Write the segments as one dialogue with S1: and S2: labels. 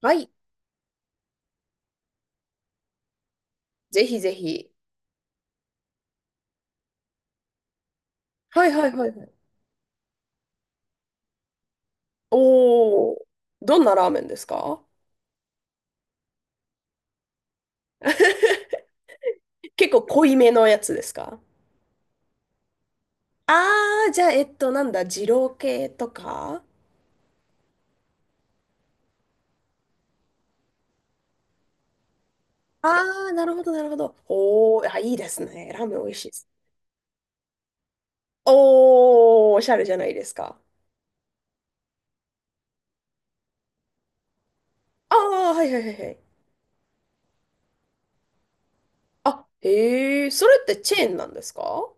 S1: はい。ぜひぜひ。はいはいはいはい。おー。どんなラーメンですか？ 結構濃いめのやつですか？あー、じゃあ、なんだ、二郎系とか。あー、なるほどなるほど。おー、あ、いいですね。ラーメン美味しいです。おー、おしゃれじゃないですか。あー、はいはいはいはい。あ、へえ、それってチェーンなんですか？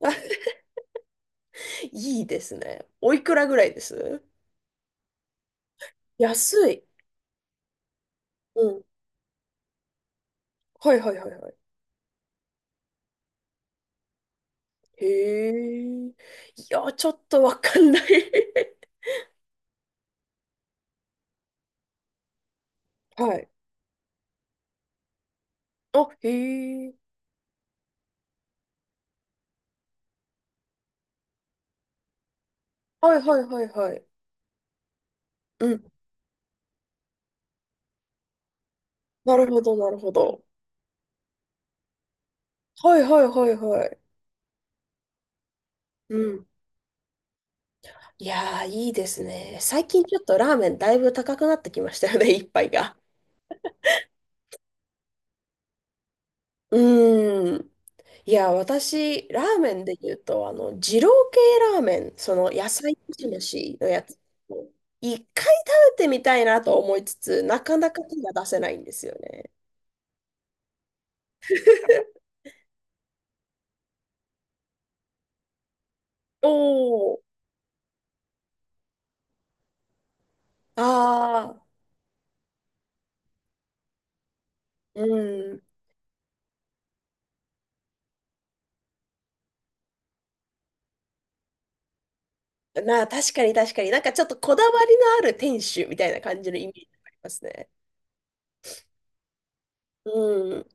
S1: いいですね。おいくらぐらいです？安い。うん。はいはいはいはい。へえ。いや、ちょっとわかんない。 はい。あ、へえ。はいはいはいはい。うん。なるほど、なるほど。はいはいはいはい。うん。いやー、いいですね。最近ちょっとラーメンだいぶ高くなってきましたよね、一杯が。うーん。いや、私、ラーメンで言うと、二郎系ラーメン、その野菜蒸し飯のやつ、一回食べてみたいなと思いつつ、なかなか手が出せないんですよね。おああ、うん。まあ確かに確かに。なんかちょっとこだわりのある店主みたいな感じのイメージがありますね。うん。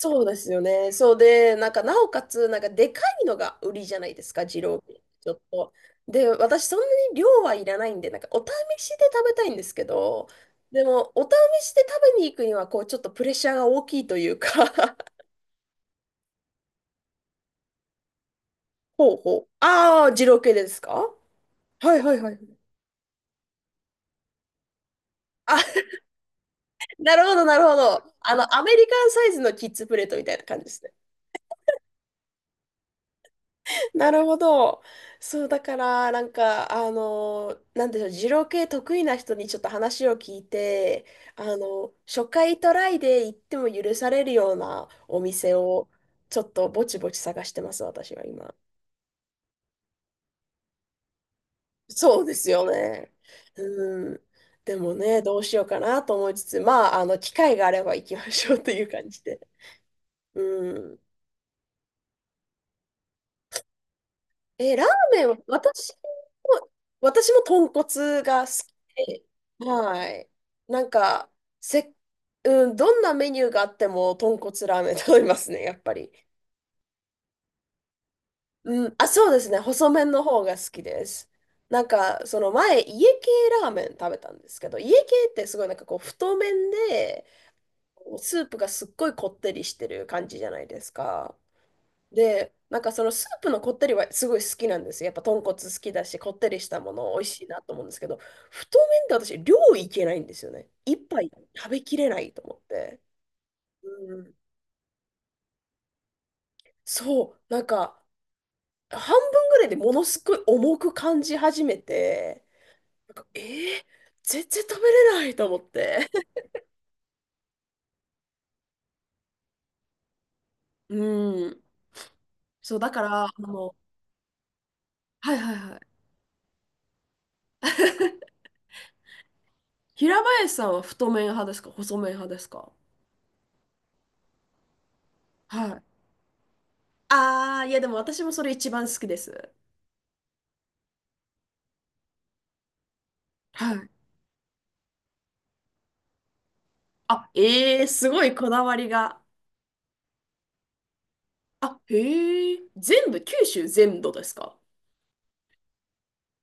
S1: そうですよね。そうで、なんかなおかつ、なんかでかいのが売りじゃないですか、二郎系。ちょっと。で、私そんなに量はいらないんで、なんかお試しで食べたいんですけど、でもお試しで食べに行くには、こうちょっとプレッシャーが大きいというか。 ほうほう。 ああ、二郎系ですか？はいはいはい。あなるほど、なるほど。あの、アメリカンサイズのキッズプレートみたいな感じですね。なるほど。そう、だから、なんか、なんでしょう、二郎系得意な人にちょっと話を聞いて、あの、初回トライで行っても許されるようなお店を、ちょっとぼちぼち探してます、私は今。そうですよね。うん。でもね、どうしようかなと思いつつ、まあ、あの、機会があれば行きましょうという感じで。うん。え、ラーメンは、私も、私も豚骨が好きで、はい。なんか、せ、うん、どんなメニューがあっても豚骨ラーメン食べますね、やっぱり。うん、あ、そうですね、細麺の方が好きです。なんか、その前、家系ラーメン食べたんですけど、家系ってすごいなんかこう、太麺で、スープがすっごいこってりしてる感じじゃないですか。で、なんかそのスープのこってりはすごい好きなんですよ。やっぱ豚骨好きだし、こってりしたもの美味しいなと思うんですけど、太麺って私、量いけないんですよね。一杯食べきれないと思って。うん、そう、なんか半分ぐらいでものすごい重く感じ始めて、なんか、全然食べれないと思って。うん、そう、だから、あの、はいはいはい。平林さんは太麺派ですか細麺派ですか？はい。ああ、いやでも私もそれ一番好きです。はい。あ、ええすごいこだわりが。あ、へえ。全部、九州全土ですか？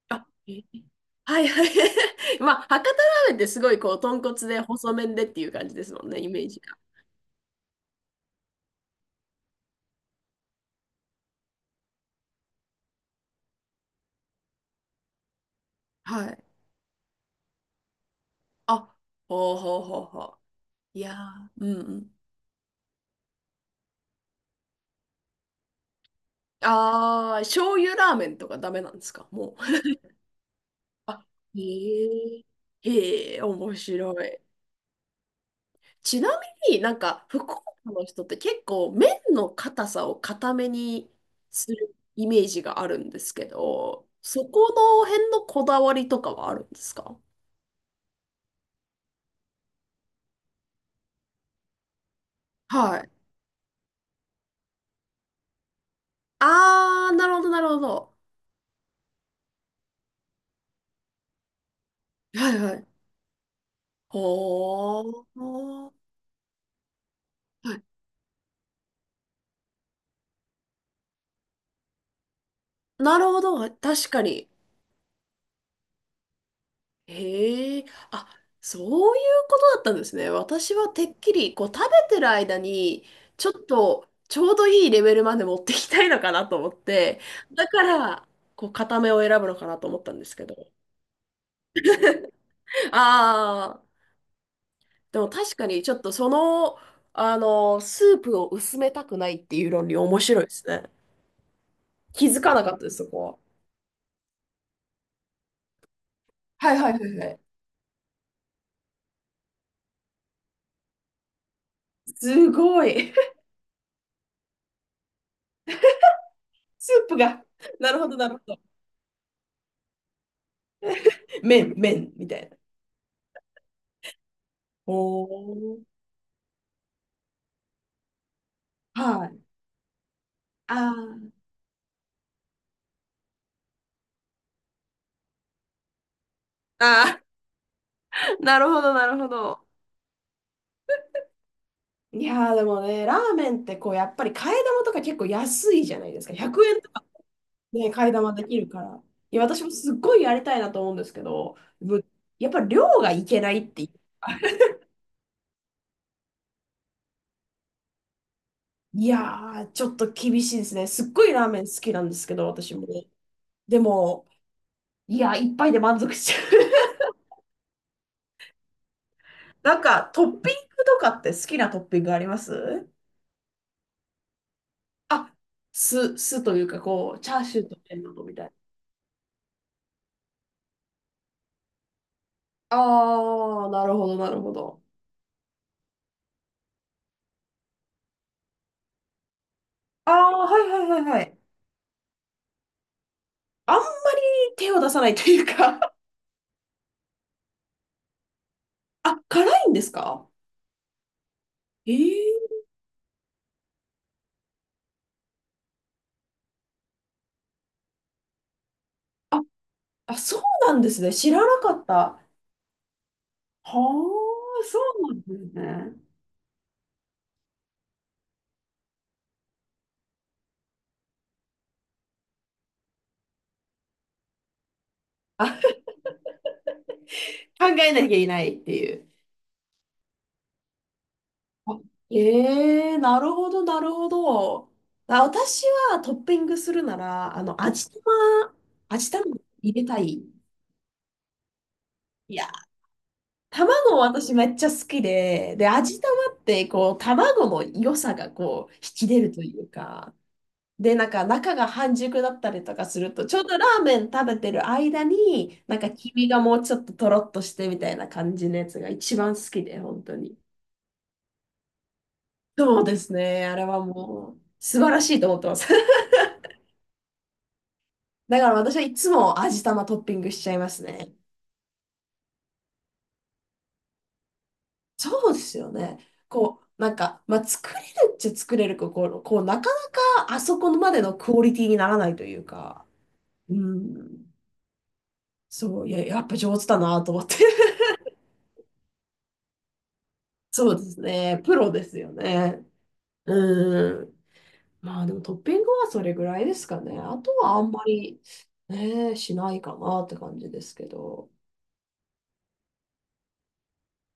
S1: あ、ええはいはい。まあ、博多ラーメンってすごいこう、豚骨で細麺でっていう感じですもんね、イメージが。はい。あ、ほうほうほうほう。いやー、うんうん。ああ、醤油ラーメンとかダメなんですかもう。あ、へえ。へえ、面白い。ちなみになんか福岡の人って結構麺の硬さを硬めにするイメージがあるんですけど、そこの辺のこだわりとかはあるんですか？はい。あー、なるほど、なるほど。はいはい。ほー。はいなるほど。確かに。へえ、あ、そういうことだったんですね。私はてっきり、こう、食べてる間に、ちょっと、ちょうどいいレベルまで持っていきたいのかなと思って、だから、こう、固めを選ぶのかなと思ったんですけど。ああ、でも確かに、ちょっとその、あの、スープを薄めたくないっていう論理面白いですね。気づかなかったです、そこは。はいはいはいはい。すごい。スープが。なるほど、なるほど。麺、麺、みたいな。おー。はい。あーあー。あなるほど、なるほど。いやーでもね、ラーメンってこう、やっぱり替え玉とか結構安いじゃないですか。100円とかね、替え玉できるから。いや、私もすっごいやりたいなと思うんですけど、ぶやっぱ量がいけないっていう。いやー、ちょっと厳しいですね。すっごいラーメン好きなんですけど、私もね。でも、いや、一杯で満足しちゃう。なんか、トッピングとかって好きなトッピングあります？あ、酢、酢というか、こう、チャーシューと麺なのみたいな。ああ、なるほど、なるほど。ああ、はいはいはいはい。あんまり手を出さないというか。 あ、辛いんですか？ええあ、あ、そうなんですね。知らなかった。はあ、そうなんですね。考えなきゃいけないっていう。あええなるほど、なるほど。あ、私はトッピングするなら、あの、味玉、味玉入れたい。いや卵私めっちゃ好きで、で、味玉ってこう、卵の良さがこう、引き出るというか、で、なんか中が半熟だったりとかすると、ちょうどラーメン食べてる間に、なんか黄身がもうちょっととろっとしてみたいな感じのやつが一番好きで、本当に。そうですね。あれはもう、素晴らしいと思ってます。だから私はいつも味玉トッピングしちゃいますね。そうですよね。こう、なんか、まあ、作れるっちゃ作れるけど、こう、こうなかなかあそこまでのクオリティにならないというか、うん、そう、いや、やっぱ上手だなと思って。そうですね。プロですよね。うん。まあでもトッピングはそれぐらいですかね。あとはあんまり、ね、しないかなって感じですけど。